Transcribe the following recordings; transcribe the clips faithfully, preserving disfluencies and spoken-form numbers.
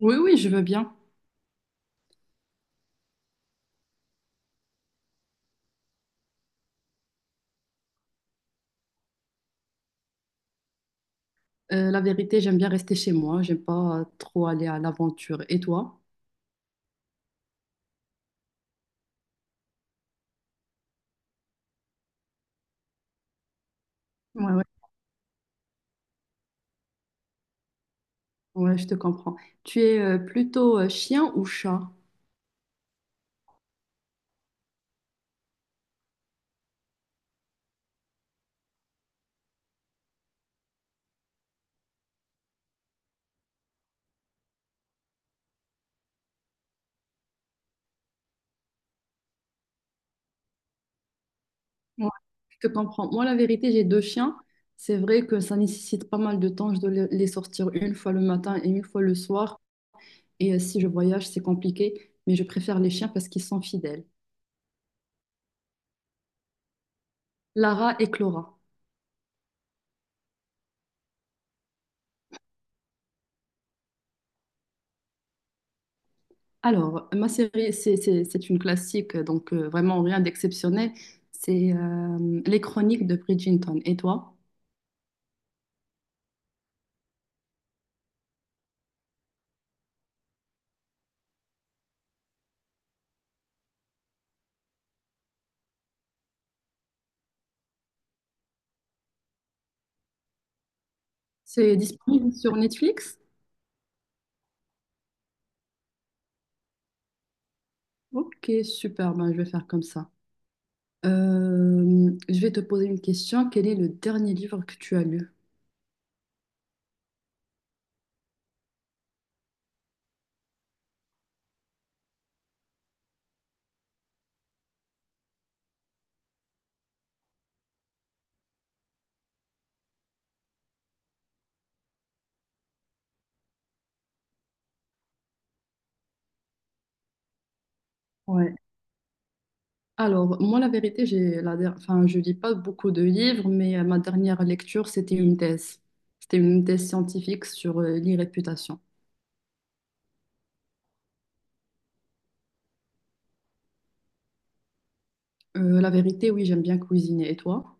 Oui, oui, je veux bien. Euh, la vérité, j'aime bien rester chez moi. J'aime pas euh, trop aller à l'aventure. Et toi? Ouais, ouais, ouais, je te comprends. Tu es euh, plutôt euh, chien ou chat? Ouais, je te comprends. Moi, la vérité, j'ai deux chiens. C'est vrai que ça nécessite pas mal de temps. Je dois le- les sortir une fois le matin et une fois le soir. Et euh, si je voyage, c'est compliqué. Mais je préfère les chiens parce qu'ils sont fidèles. Lara et Clara. Alors, ma série, c'est c'est- c'est une classique, donc euh, vraiment rien d'exceptionnel. C'est euh, Les Chroniques de Bridgerton. Et toi? C'est disponible sur Netflix? Ok, super, ben, je vais faire comme ça. Euh, je vais te poser une question. Quel est le dernier livre que tu as lu? Ouais. Alors, moi, la vérité, j'ai la der- enfin, je lis pas beaucoup de livres, mais euh, ma dernière lecture, c'était une thèse. C'était une thèse scientifique sur euh, l'irréputation. Euh, la vérité, oui, j'aime bien cuisiner. Et toi?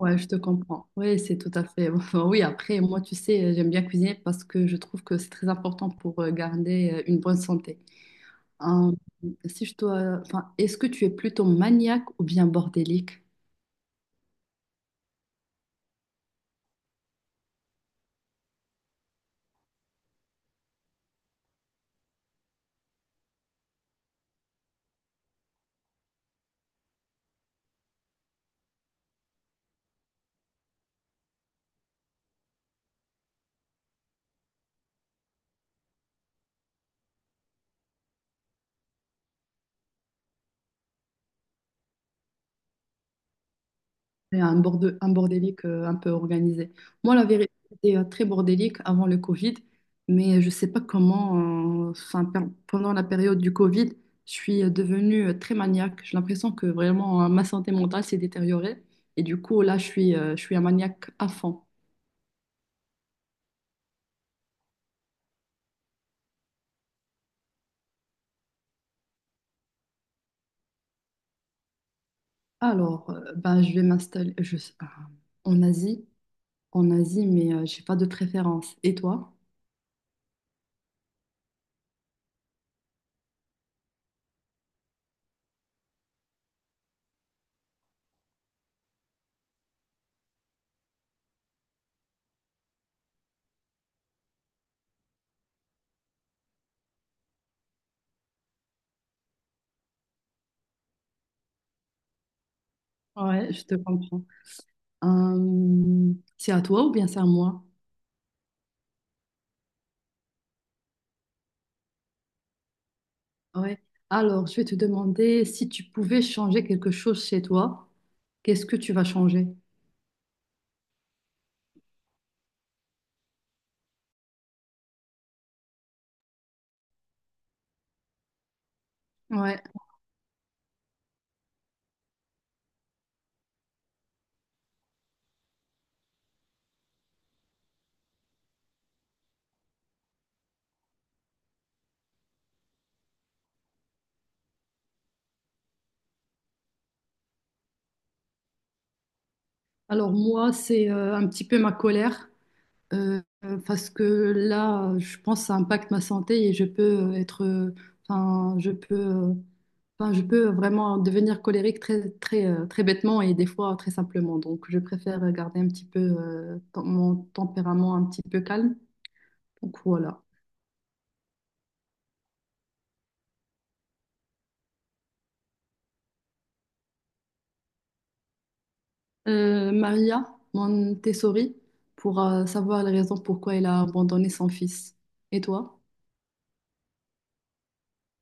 Ouais, je te comprends. Oui, c'est tout à fait. Enfin, oui, après, moi, tu sais, j'aime bien cuisiner parce que je trouve que c'est très important pour euh, garder euh, une bonne santé. Hein, si je dois, enfin, est-ce que tu es plutôt maniaque ou bien bordélique? C'est un borde- un bordélique euh, un peu organisé. Moi, la vérité, c'était euh, très bordélique avant le Covid, mais je ne sais pas comment, euh, enfin, per- pendant la période du Covid, je suis euh, devenue euh, très maniaque. J'ai l'impression que vraiment euh, ma santé mentale s'est détériorée. Et du coup, là, je suis, euh, je suis un maniaque à fond. Alors, euh, ben, je vais m'installer je- euh, en Asie, en Asie, mais euh, j'ai pas de préférence. Et toi? Ouais, je te comprends. Euh, c'est à toi ou bien c'est à moi? Ouais. Alors, je vais te demander si tu pouvais changer quelque chose chez toi, qu'est-ce que tu vas changer? Ouais. Alors moi, c'est euh, un petit peu ma colère euh, euh, parce que là, je pense que ça impacte ma santé et je peux euh, être, euh, enfin, je peux, euh, enfin, je peux vraiment devenir colérique très, très, euh, très bêtement et des fois très simplement. Donc, je préfère garder un petit peu euh, ton- mon tempérament un petit peu calme. Donc voilà. euh, Maria Montessori pour euh, savoir les raisons pourquoi elle a abandonné son fils. Et toi?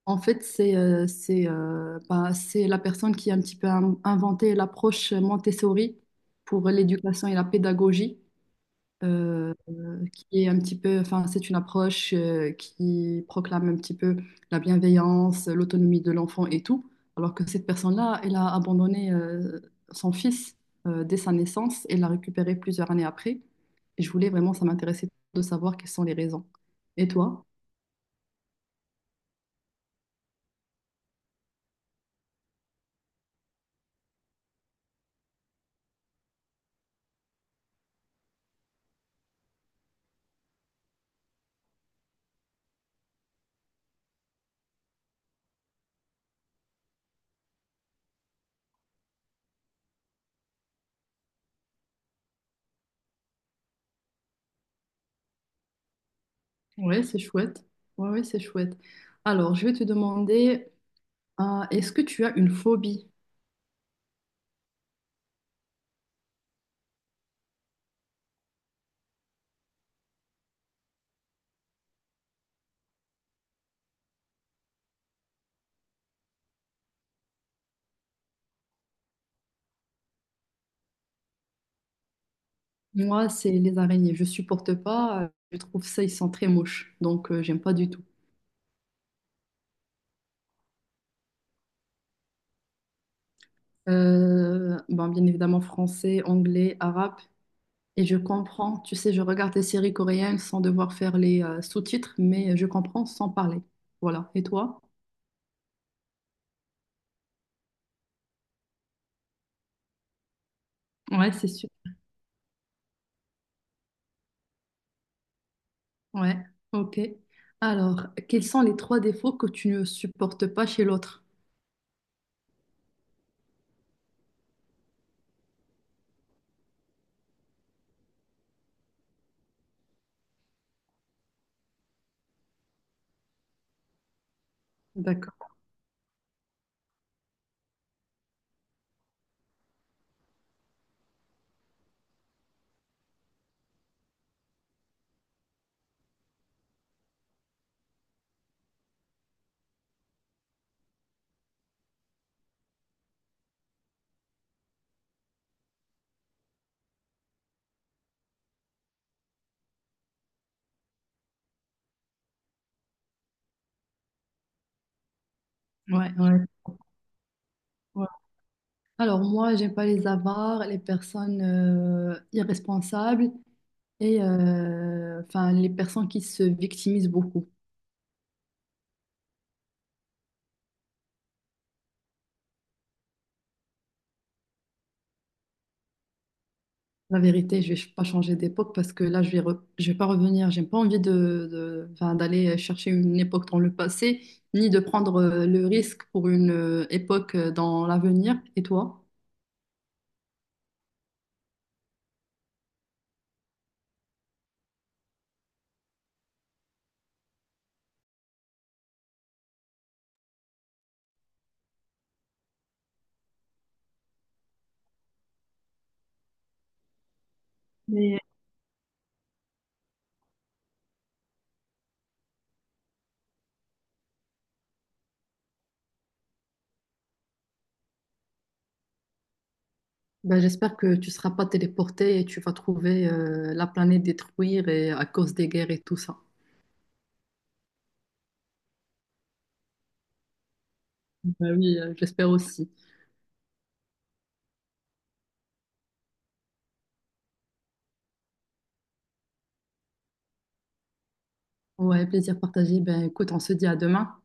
En fait, c'est euh, c'est euh, bah, c'est la personne qui a un petit peu in- inventé l'approche Montessori pour l'éducation et la pédagogie euh, euh, qui est un petit peu, enfin, c'est une approche euh, qui proclame un petit peu la bienveillance, l'autonomie de l'enfant et tout, alors que cette personne-là, elle a abandonné euh, son fils euh, dès sa naissance et l'a récupéré plusieurs années après. Et je voulais vraiment, ça m'intéressait de savoir quelles sont les raisons. Et toi? Ouais, c'est chouette. Ouais, ouais, c'est chouette. Alors, je vais te demander, euh, est-ce que tu as une phobie? Moi, c'est les araignées. Je supporte pas. euh, Je trouve ça, ils sont très moches. Donc, euh, j'aime pas du tout. Euh, bon, bien évidemment français, anglais, arabe. Et je comprends, tu sais, je regarde des séries coréennes sans devoir faire les euh, sous-titres, mais je comprends sans parler. Voilà. Et toi? Ouais, c'est sûr. Ouais, ok. Alors, quels sont les trois défauts que tu ne supportes pas chez l'autre? D'accord. Ouais, ouais. Ouais. Alors, moi, j'aime pas les avares, les personnes euh, irresponsables et euh, enfin, les personnes qui se victimisent beaucoup. La vérité, je vais pas changer d'époque parce que là, je vais, re- je vais pas revenir. J'ai pas envie de, de- enfin, d'aller chercher une époque dans le passé, ni de prendre euh, le risque pour une euh, époque euh, dans l'avenir. Et toi? Mais ben, j'espère que tu seras pas téléporté et tu vas trouver euh, la planète détruite et à cause des guerres et tout ça. Ben oui, euh, j'espère aussi. Ouais, plaisir partagé. Ben écoute, on se dit à demain.